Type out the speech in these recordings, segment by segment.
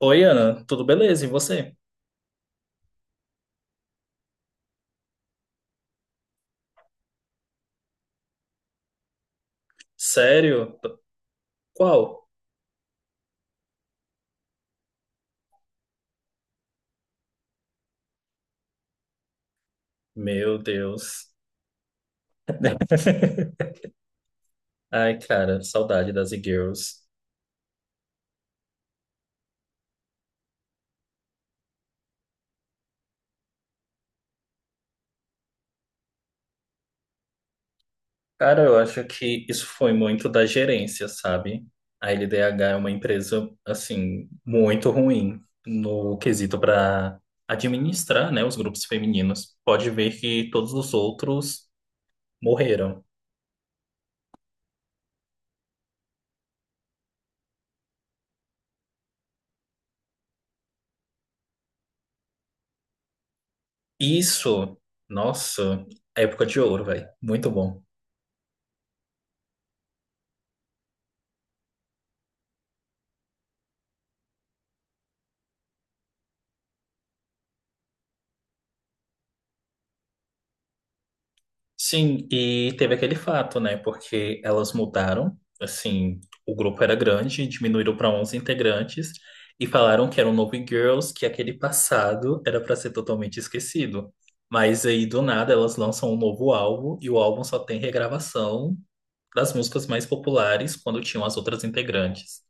Oi, Ana, tudo beleza? E você? Sério? Qual? Meu Deus. Ai, cara, saudade das e-girls. Cara, eu acho que isso foi muito da gerência, sabe? A LDH é uma empresa, assim, muito ruim no quesito para administrar, né, os grupos femininos. Pode ver que todos os outros morreram. Isso, nossa, época de ouro, velho. Muito bom. Sim, e teve aquele fato, né? Porque elas mudaram, assim, o grupo era grande, diminuíram para 11 integrantes e falaram que era um novo Girls, que aquele passado era para ser totalmente esquecido. Mas aí do nada elas lançam um novo álbum e o álbum só tem regravação das músicas mais populares quando tinham as outras integrantes.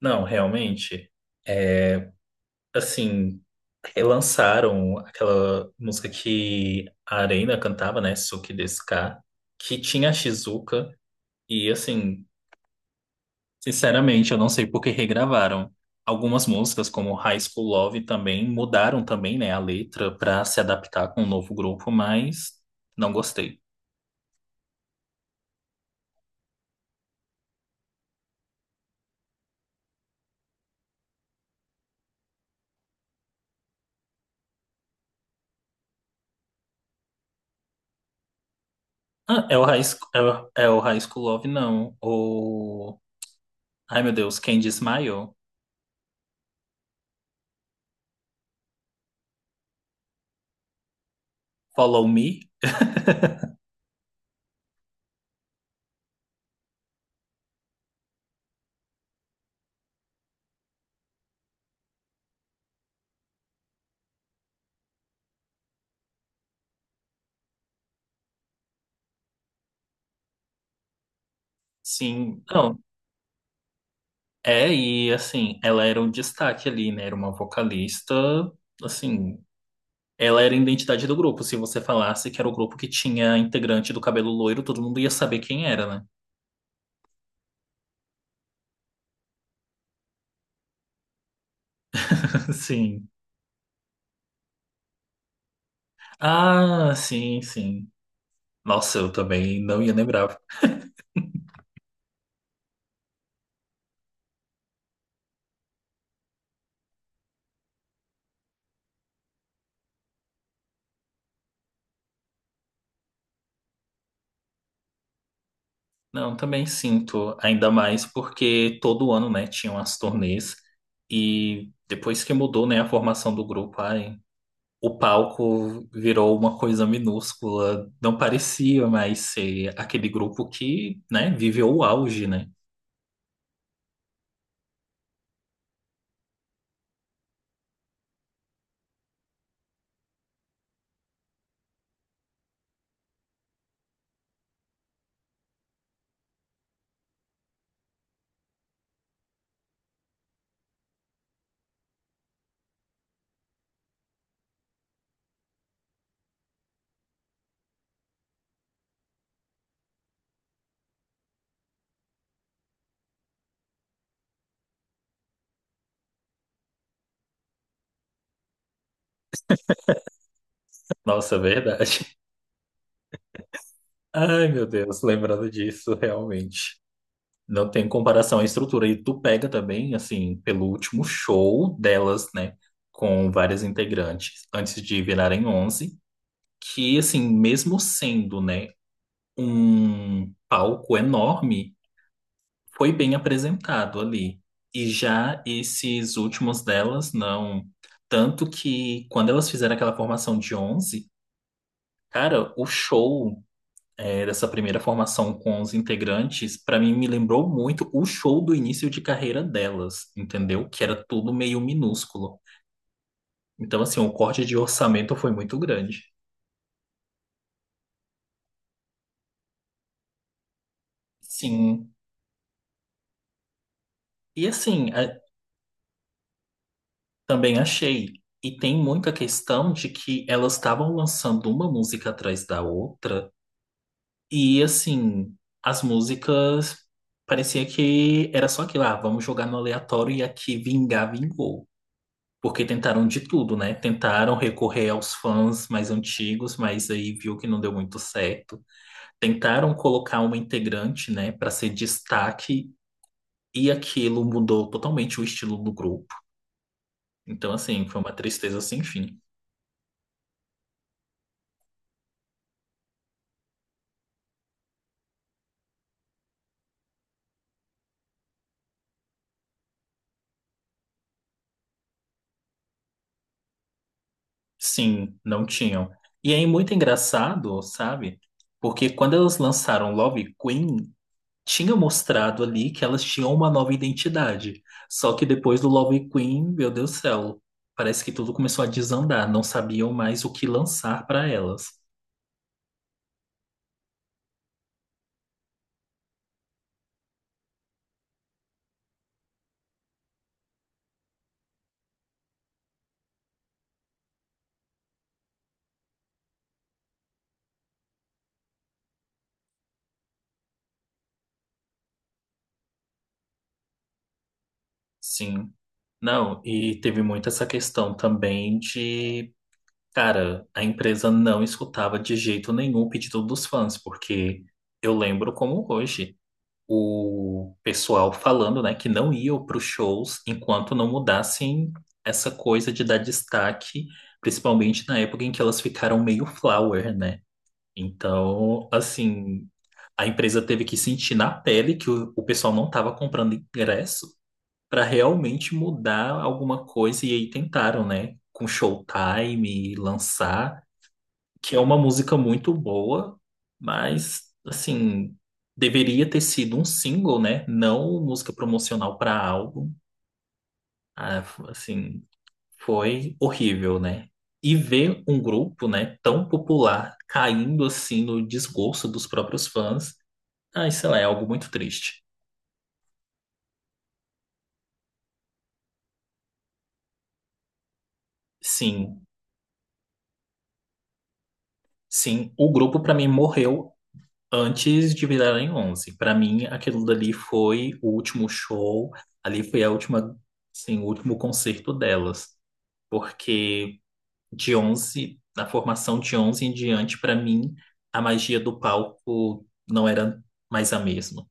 Não, realmente, é, assim, relançaram aquela música que a Arena cantava, né? Suki Desu Ka, que tinha a Shizuka. E assim, sinceramente, eu não sei por que regravaram. Algumas músicas, como High School Love, também mudaram também, né, a letra para se adaptar com o novo grupo, mas não gostei. Ah, é o é o High School Love, não. O... Ai, meu Deus, Candy Smile? Follow Me? Sim. Não. É, e assim, ela era um destaque ali, né? Era uma vocalista, assim, ela era a identidade do grupo. Se você falasse que era o grupo que tinha integrante do cabelo loiro, todo mundo ia saber quem era, né? Sim. Ah, sim, sim. Nossa, eu também não ia lembrar. Não, também sinto, ainda mais porque todo ano, né, tinham as turnês e depois que mudou, né, a formação do grupo, ai. O palco virou uma coisa minúscula, não parecia mais ser aquele grupo que, né, viveu o auge, né? Nossa, é verdade. Ai, meu Deus, lembrando disso, realmente. Não tem comparação à estrutura. E tu pega também, assim, pelo último show delas, né, com várias integrantes, antes de virarem 11 que, assim, mesmo sendo, né, um palco enorme, foi bem apresentado ali. E já esses últimos delas, não. Tanto que quando elas fizeram aquela formação de 11, cara, o show é, dessa primeira formação com os integrantes, pra mim, me lembrou muito o show do início de carreira delas, entendeu? Que era tudo meio minúsculo. Então, assim, o corte de orçamento foi muito grande. Sim. E assim, a- Também achei. E tem muita questão de que elas estavam lançando uma música atrás da outra. E assim, as músicas parecia que era só aquilo, ah, vamos jogar no aleatório e aqui vingar, vingou. Porque tentaram de tudo, né? Tentaram recorrer aos fãs mais antigos, mas aí viu que não deu muito certo. Tentaram colocar uma integrante, né, para ser destaque, e aquilo mudou totalmente o estilo do grupo. Então, assim, foi uma tristeza sem fim. Sim, não tinham. E aí, muito engraçado, sabe? Porque quando elas lançaram Love Queen, tinha mostrado ali que elas tinham uma nova identidade. Só que depois do Love Queen, meu Deus do céu, parece que tudo começou a desandar, não sabiam mais o que lançar para elas. Sim. Não, e teve muito essa questão também de, cara, a empresa não escutava de jeito nenhum o pedido dos fãs, porque eu lembro como hoje. O pessoal falando, né, que não iam para os shows enquanto não mudassem essa coisa de dar destaque, principalmente na época em que elas ficaram meio flower, né? Então, assim, a empresa teve que sentir na pele que o pessoal não estava comprando ingresso para realmente mudar alguma coisa e aí tentaram, né? Com Showtime, lançar que é uma música muito boa, mas assim, deveria ter sido um single, né? Não música promocional para álbum. Ah, f- assim, foi horrível, né? E ver um grupo, né, tão popular caindo assim no desgosto dos próprios fãs, ai, sei lá, é algo muito triste. Sim, sim, o grupo para mim morreu antes de virarem 11. Para mim aquilo dali foi o último show, ali foi a última, sim, o último concerto delas, porque de 11, na formação de 11 em diante, para mim a magia do palco não era mais a mesma.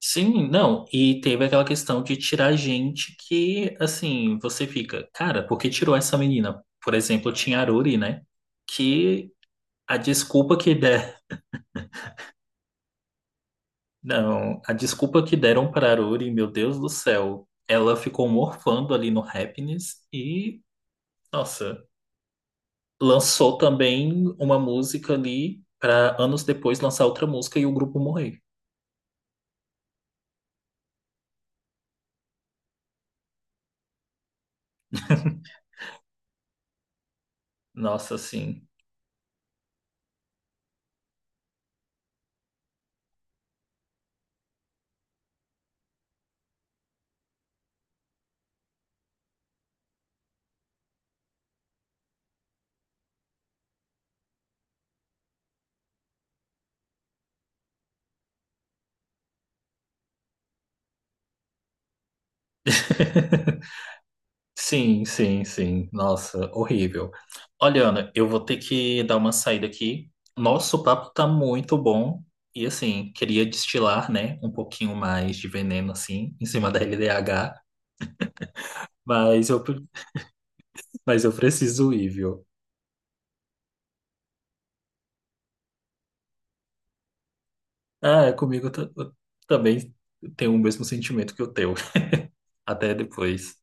Sim, não, e teve aquela questão de tirar gente que, assim, você fica, cara, por que tirou essa menina? Por exemplo, tinha a Aruri, né? Que a desculpa que Não, a desculpa que deram para Aruri, meu Deus do céu, ela ficou morfando ali no Happiness e, nossa, lançou também uma música ali para anos depois lançar outra música e o grupo morrer. Nossa, sim. Sim, sim, sim. Nossa, horrível. Olha, Ana, eu vou ter que dar uma saída aqui. Nosso papo tá muito bom. E assim, queria destilar, né, um pouquinho mais de veneno assim em cima da LDH, mas eu Mas eu preciso ir, viu? Ah, também tem o mesmo sentimento que o teu. Até depois.